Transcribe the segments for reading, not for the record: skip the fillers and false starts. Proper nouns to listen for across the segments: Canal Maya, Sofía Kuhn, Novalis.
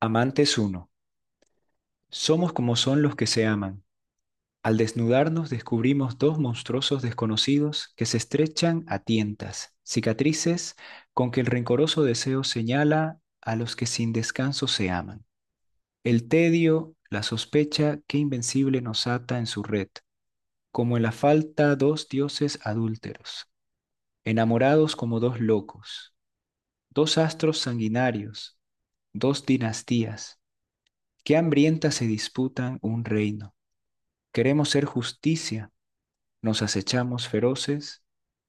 Amantes uno, somos como son los que se aman. Al desnudarnos descubrimos dos monstruosos desconocidos que se estrechan a tientas, cicatrices con que el rencoroso deseo señala a los que sin descanso se aman. El tedio, la sospecha que invencible nos ata en su red, como en la falta dos dioses adúlteros, enamorados como dos locos, dos astros sanguinarios, dos dinastías, que hambrientas se disputan un reino. Queremos ser justicia, nos acechamos feroces,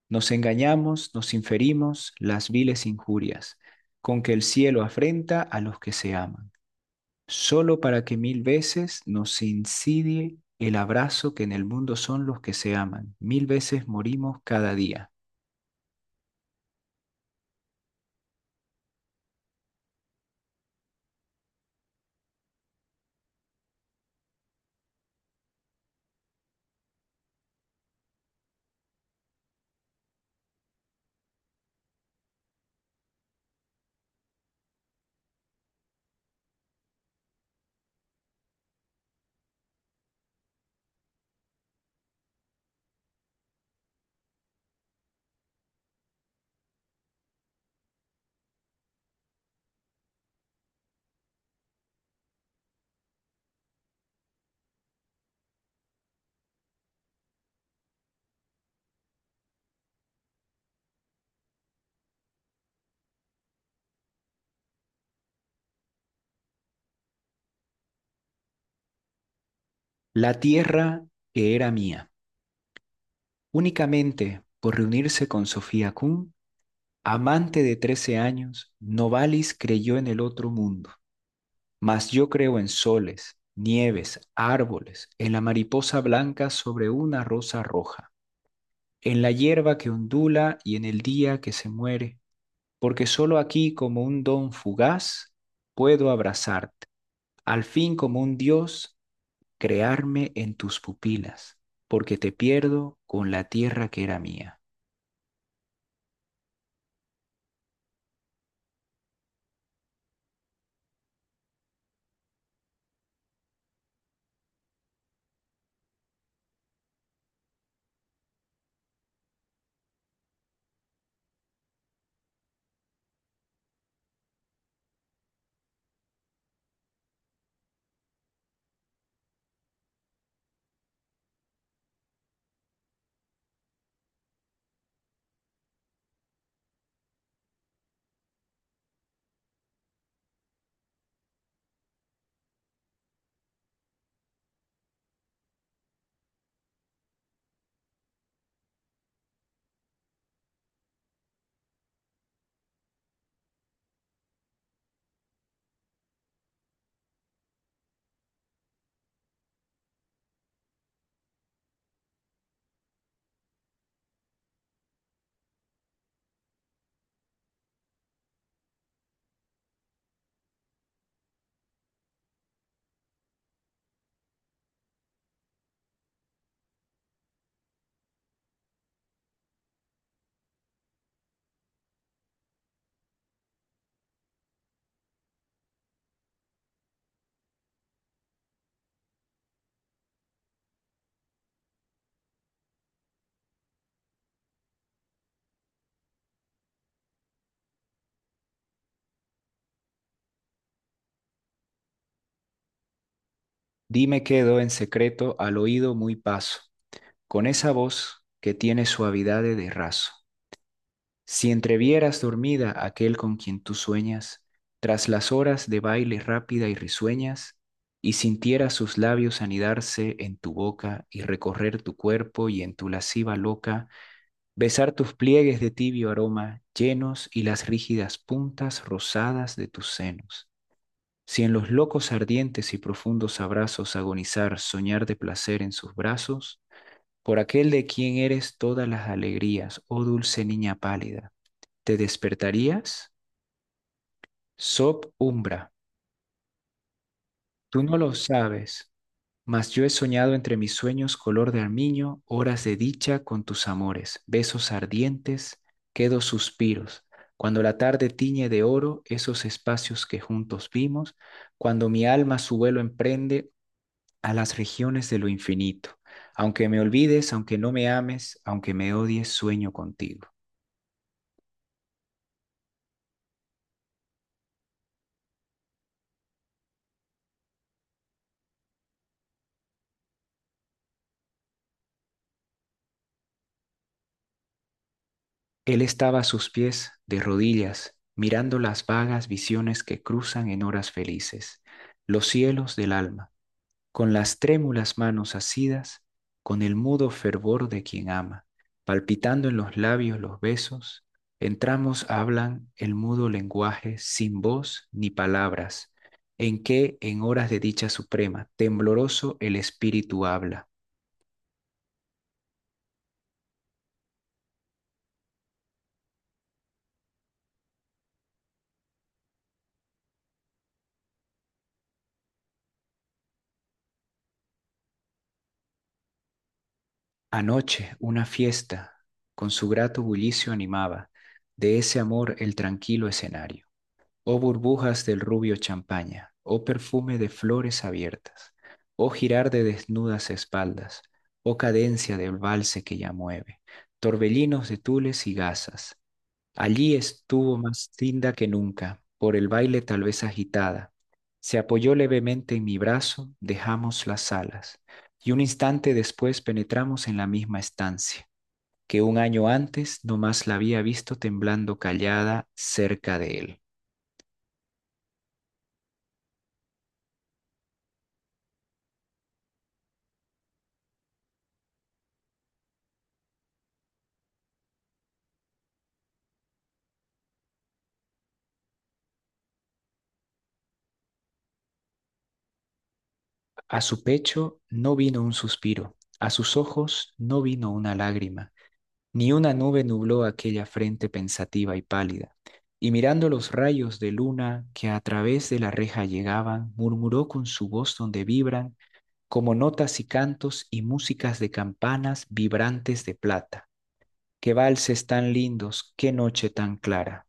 nos engañamos, nos inferimos las viles injurias, con que el cielo afrenta a los que se aman, solo para que mil veces nos insidie el abrazo que en el mundo son los que se aman. Mil veces morimos cada día. La tierra que era mía, únicamente por reunirse con Sofía Kuhn, amante de 13 años, Novalis creyó en el otro mundo. Mas yo creo en soles, nieves, árboles, en la mariposa blanca sobre una rosa roja, en la hierba que ondula y en el día que se muere, porque solo aquí como un don fugaz puedo abrazarte, al fin como un dios crearme en tus pupilas, porque te pierdo con la tierra que era mía. Dime quedo en secreto al oído muy paso, con esa voz que tiene suavidad de raso. Si entrevieras dormida aquel con quien tú sueñas, tras las horas de baile rápida y risueñas, y sintieras sus labios anidarse en tu boca y recorrer tu cuerpo y en tu lasciva loca, besar tus pliegues de tibio aroma llenos y las rígidas puntas rosadas de tus senos. Si en los locos ardientes y profundos abrazos agonizar, soñar de placer en sus brazos, por aquel de quien eres todas las alegrías, oh dulce niña pálida, te despertarías sob umbra. Tú no lo sabes, mas yo he soñado entre mis sueños color de armiño, horas de dicha con tus amores, besos ardientes, quedo suspiros. Cuando la tarde tiñe de oro esos espacios que juntos vimos, cuando mi alma su vuelo emprende a las regiones de lo infinito. Aunque me olvides, aunque no me ames, aunque me odies, sueño contigo. Él estaba a sus pies, de rodillas, mirando las vagas visiones que cruzan en horas felices, los cielos del alma, con las trémulas manos asidas, con el mudo fervor de quien ama, palpitando en los labios los besos, entramos hablan el mudo lenguaje sin voz ni palabras, en que en horas de dicha suprema, tembloroso el espíritu habla. Anoche una fiesta con su grato bullicio animaba de ese amor el tranquilo escenario. Oh burbujas del rubio champaña, oh perfume de flores abiertas, oh girar de desnudas espaldas, oh cadencia del valse que ya mueve, torbellinos de tules y gasas. Allí estuvo más tinda que nunca, por el baile tal vez agitada. Se apoyó levemente en mi brazo, dejamos las salas, y un instante después penetramos en la misma estancia, que un año antes no más la había visto temblando callada cerca de él. A su pecho no vino un suspiro, a sus ojos no vino una lágrima. Ni una nube nubló aquella frente pensativa y pálida, y mirando los rayos de luna que a través de la reja llegaban, murmuró con su voz donde vibran como notas y cantos y músicas de campanas vibrantes de plata. Qué valses tan lindos, qué noche tan clara.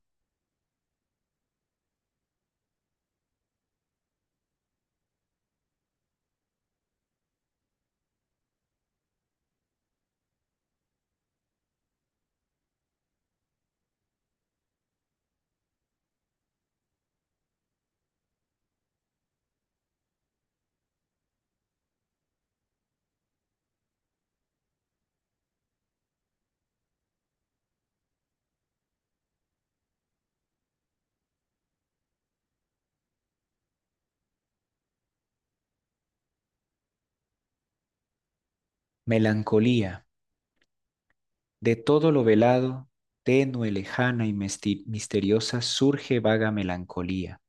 Melancolía, de todo lo velado, tenue, lejana y misteriosa, surge vaga melancolía,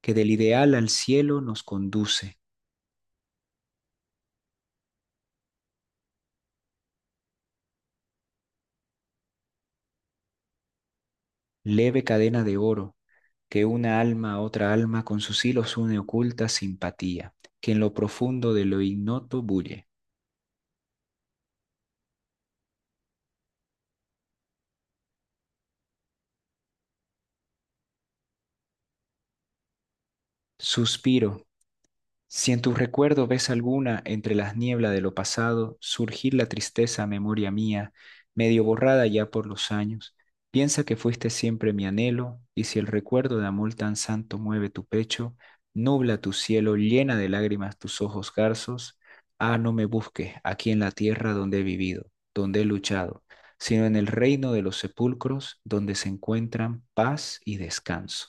que del ideal al cielo nos conduce, leve cadena de oro que una alma a otra alma con sus hilos une oculta simpatía, que en lo profundo de lo ignoto bulle. Suspiro. Si en tu recuerdo ves alguna entre las nieblas de lo pasado surgir la tristeza memoria mía, medio borrada ya por los años, piensa que fuiste siempre mi anhelo, y si el recuerdo de amor tan santo mueve tu pecho, nubla tu cielo, llena de lágrimas tus ojos garzos, ah, no me busques aquí en la tierra donde he vivido, donde he luchado, sino en el reino de los sepulcros, donde se encuentran paz y descanso.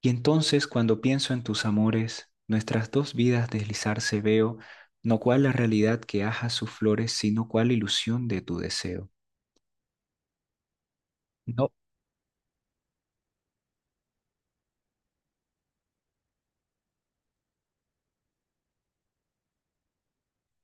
Y entonces cuando pienso en tus amores, nuestras dos vidas deslizarse veo, no cual la realidad que aja sus flores, sino cual ilusión de tu deseo. No.